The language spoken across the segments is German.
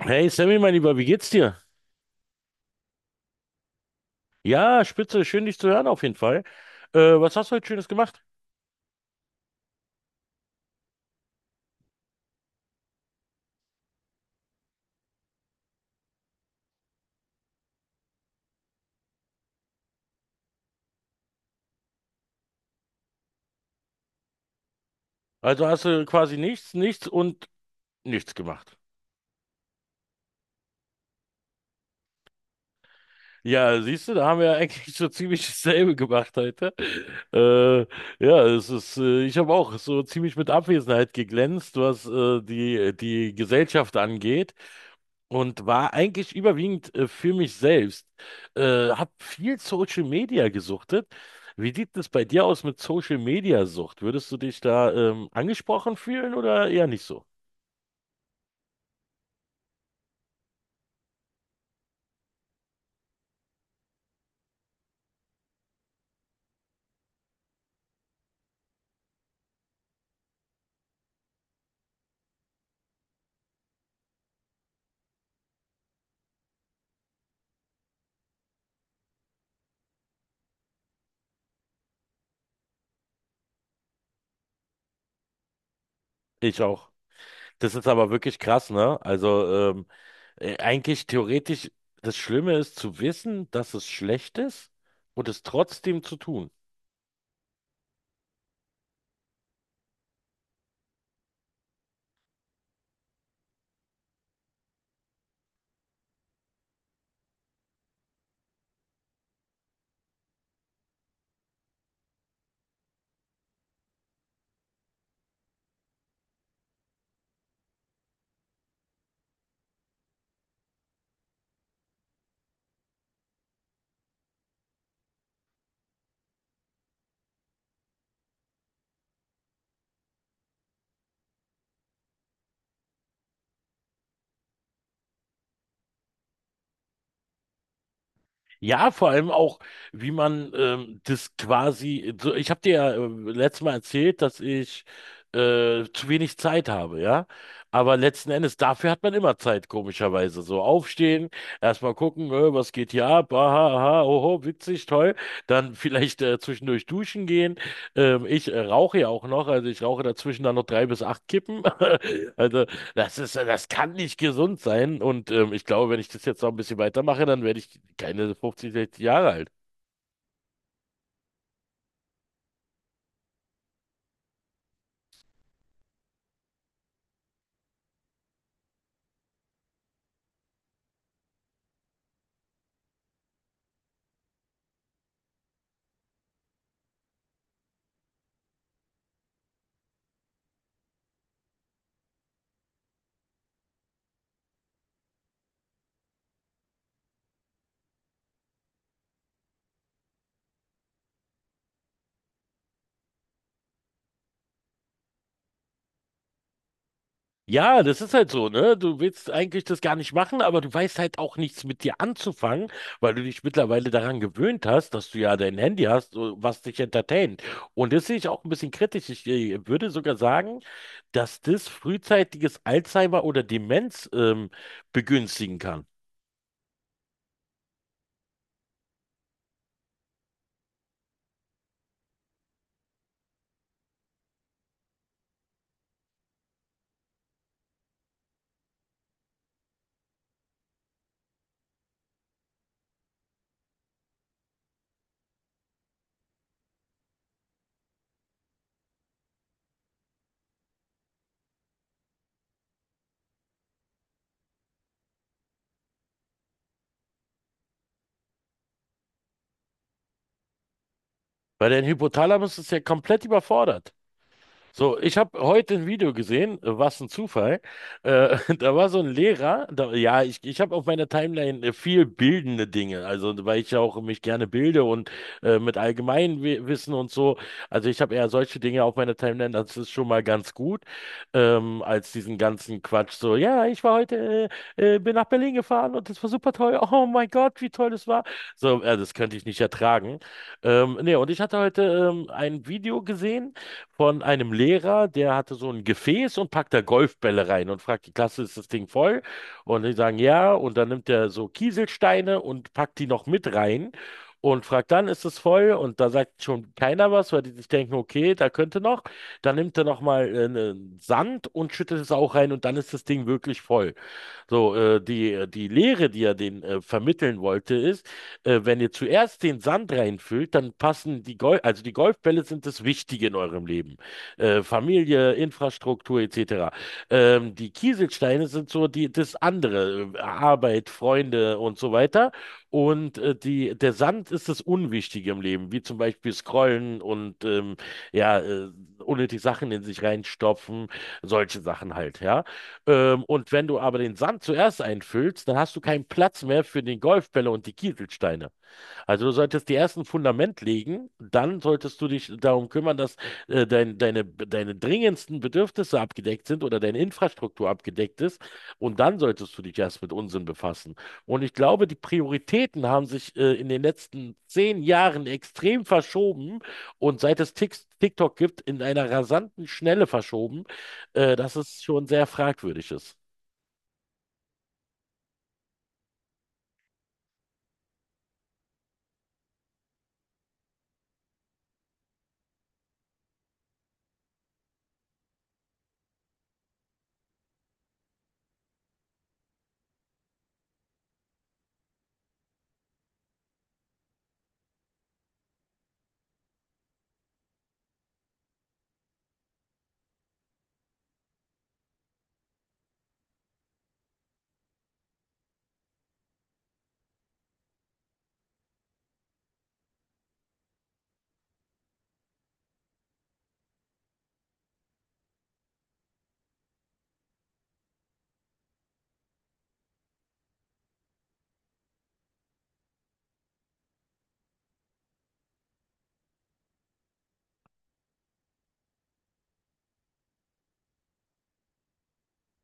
Hey Sammy, mein Lieber, wie geht's dir? Ja, spitze, schön dich zu hören auf jeden Fall. Was hast du heute Schönes gemacht? Also hast du quasi nichts, nichts und nichts gemacht. Ja, siehst du, da haben wir ja eigentlich so ziemlich dasselbe gemacht heute. Äh, ja, es ist, ich habe auch so ziemlich mit Abwesenheit geglänzt, was die, die Gesellschaft angeht, und war eigentlich überwiegend für mich selbst. Hab viel Social Media gesuchtet. Wie sieht es bei dir aus mit Social Media Sucht? Würdest du dich da angesprochen fühlen oder eher nicht so? Ich auch. Das ist aber wirklich krass, ne? Also eigentlich theoretisch, das Schlimme ist zu wissen, dass es schlecht ist und es trotzdem zu tun. Ja, vor allem auch, wie man das quasi, so, ich habe dir ja letztes Mal erzählt, dass ich zu wenig Zeit habe, ja. Aber letzten Endes, dafür hat man immer Zeit, komischerweise. So, aufstehen, erstmal gucken, was geht hier ab, aha, aha, oho, witzig, toll. Dann vielleicht zwischendurch duschen gehen. Ich rauche ja auch noch, also ich rauche dazwischen dann noch drei bis acht Kippen. Also das ist, das kann nicht gesund sein. Und ich glaube, wenn ich das jetzt noch ein bisschen weitermache, dann werde ich keine 50, 60 Jahre alt. Ja, das ist halt so, ne? Du willst eigentlich das gar nicht machen, aber du weißt halt auch nichts mit dir anzufangen, weil du dich mittlerweile daran gewöhnt hast, dass du ja dein Handy hast, so, was dich entertaint. Und das sehe ich auch ein bisschen kritisch. Ich würde sogar sagen, dass das frühzeitiges Alzheimer oder Demenz begünstigen kann. Weil dein Hypothalamus ist ja komplett überfordert. So, ich habe heute ein Video gesehen, was ein Zufall. Da war so ein Lehrer, da, ja, ich habe auf meiner Timeline viel bildende Dinge, also weil ich ja auch mich gerne bilde und mit Allgemeinwissen und so. Also ich habe eher solche Dinge auf meiner Timeline, das ist schon mal ganz gut, als diesen ganzen Quatsch. So, ja, ich war heute, bin nach Berlin gefahren und das war super toll. Oh mein Gott, wie toll das war. So, das könnte ich nicht ertragen. Nee, und ich hatte heute ein Video gesehen von einem Lehrer, der hatte so ein Gefäß und packt da Golfbälle rein und fragt die Klasse: Ist das Ding voll? Und die sagen ja. Und dann nimmt er so Kieselsteine und packt die noch mit rein und fragt dann: Ist es voll? Und da sagt schon keiner was, weil die sich denken, okay, da könnte noch. Dann nimmt er nochmal ne Sand und schüttet es auch rein und dann ist das Ding wirklich voll. So, die Lehre, die er den vermitteln wollte, ist: Wenn ihr zuerst den Sand reinfüllt, dann passen die also die Golfbälle sind das Wichtige in eurem Leben. Familie, Infrastruktur etc. Die Kieselsteine sind so die, das andere, Arbeit, Freunde und so weiter. Und der Sand ist das Unwichtige im Leben, wie zum Beispiel Scrollen und ja, äh, unnötig Sachen in sich reinstopfen, solche Sachen halt, ja. Und wenn du aber den Sand zuerst einfüllst, dann hast du keinen Platz mehr für den Golfbälle und die Kieselsteine. Also du solltest die ersten Fundament legen, dann solltest du dich darum kümmern, dass deine dringendsten Bedürfnisse abgedeckt sind oder deine Infrastruktur abgedeckt ist. Und dann solltest du dich erst mit Unsinn befassen. Und ich glaube, die Prioritäten haben sich in den letzten 10 Jahren extrem verschoben und seit es TikTok gibt, in einer rasanten Schnelle verschoben, dass es schon sehr fragwürdig ist.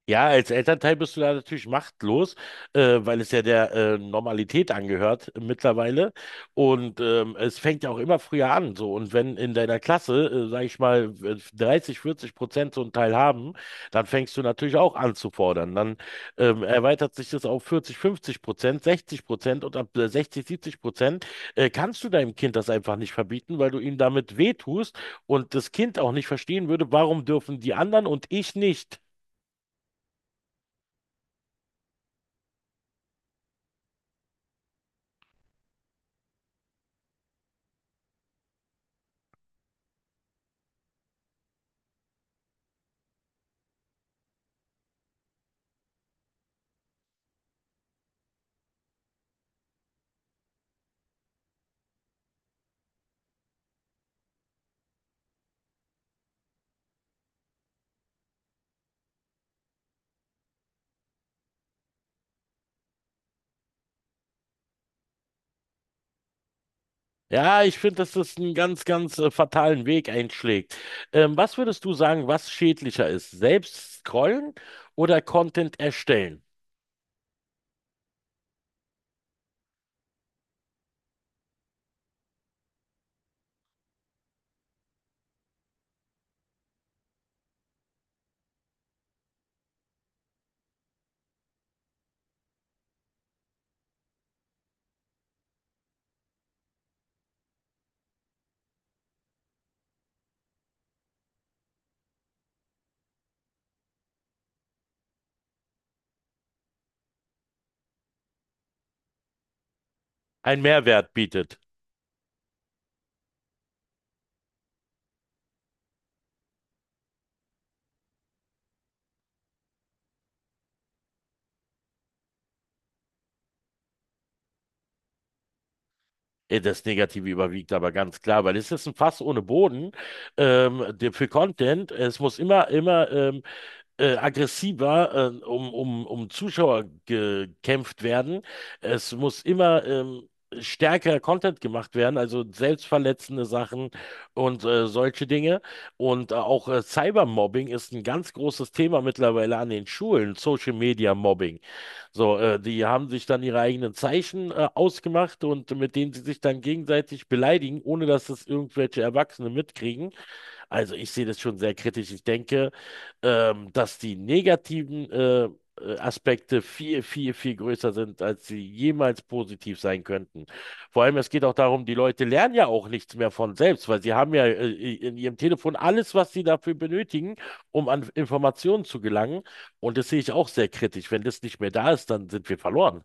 Ja, als Elternteil bist du da natürlich machtlos, weil es ja der Normalität angehört mittlerweile. Und es fängt ja auch immer früher an. So. Und wenn in deiner Klasse, sag ich mal, 30, 40% so einen Teil haben, dann fängst du natürlich auch an zu fordern. Dann erweitert sich das auf 40, 50%, 60% und ab 60, 70% kannst du deinem Kind das einfach nicht verbieten, weil du ihm damit wehtust und das Kind auch nicht verstehen würde, warum dürfen die anderen und ich nicht. Ja, ich finde, dass das einen ganz, ganz fatalen Weg einschlägt. Was würdest du sagen, was schädlicher ist? Selbst scrollen oder Content erstellen? Ein Mehrwert bietet. Das Negative überwiegt aber ganz klar, weil es ist ein Fass ohne Boden für Content. Es muss immer, immer aggressiver um Zuschauer gekämpft werden. Es muss immer stärker Content gemacht werden, also selbstverletzende Sachen und solche Dinge. Und auch Cybermobbing ist ein ganz großes Thema mittlerweile an den Schulen, Social Media Mobbing. So, die haben sich dann ihre eigenen Zeichen ausgemacht und mit denen sie sich dann gegenseitig beleidigen, ohne dass es irgendwelche Erwachsene mitkriegen. Also ich sehe das schon sehr kritisch. Ich denke, dass die negativen Aspekte viel, viel, viel größer sind, als sie jemals positiv sein könnten. Vor allem, es geht auch darum, die Leute lernen ja auch nichts mehr von selbst, weil sie haben ja in ihrem Telefon alles, was sie dafür benötigen, um an Informationen zu gelangen. Und das sehe ich auch sehr kritisch. Wenn das nicht mehr da ist, dann sind wir verloren.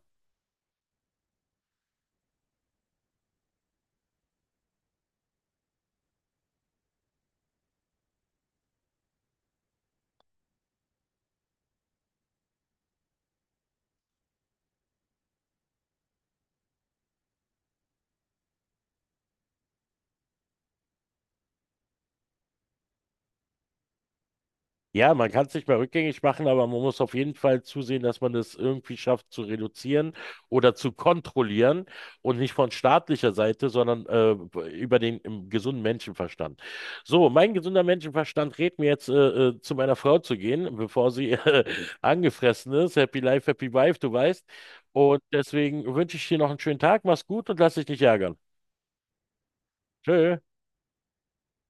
Ja, man kann es nicht mehr rückgängig machen, aber man muss auf jeden Fall zusehen, dass man es irgendwie schafft zu reduzieren oder zu kontrollieren und nicht von staatlicher Seite, sondern über den im gesunden Menschenverstand. So, mein gesunder Menschenverstand rät mir jetzt, zu meiner Frau zu gehen, bevor sie angefressen ist. Happy Life, Happy Wife, du weißt. Und deswegen wünsche ich dir noch einen schönen Tag, mach's gut und lass dich nicht ärgern. Tschö.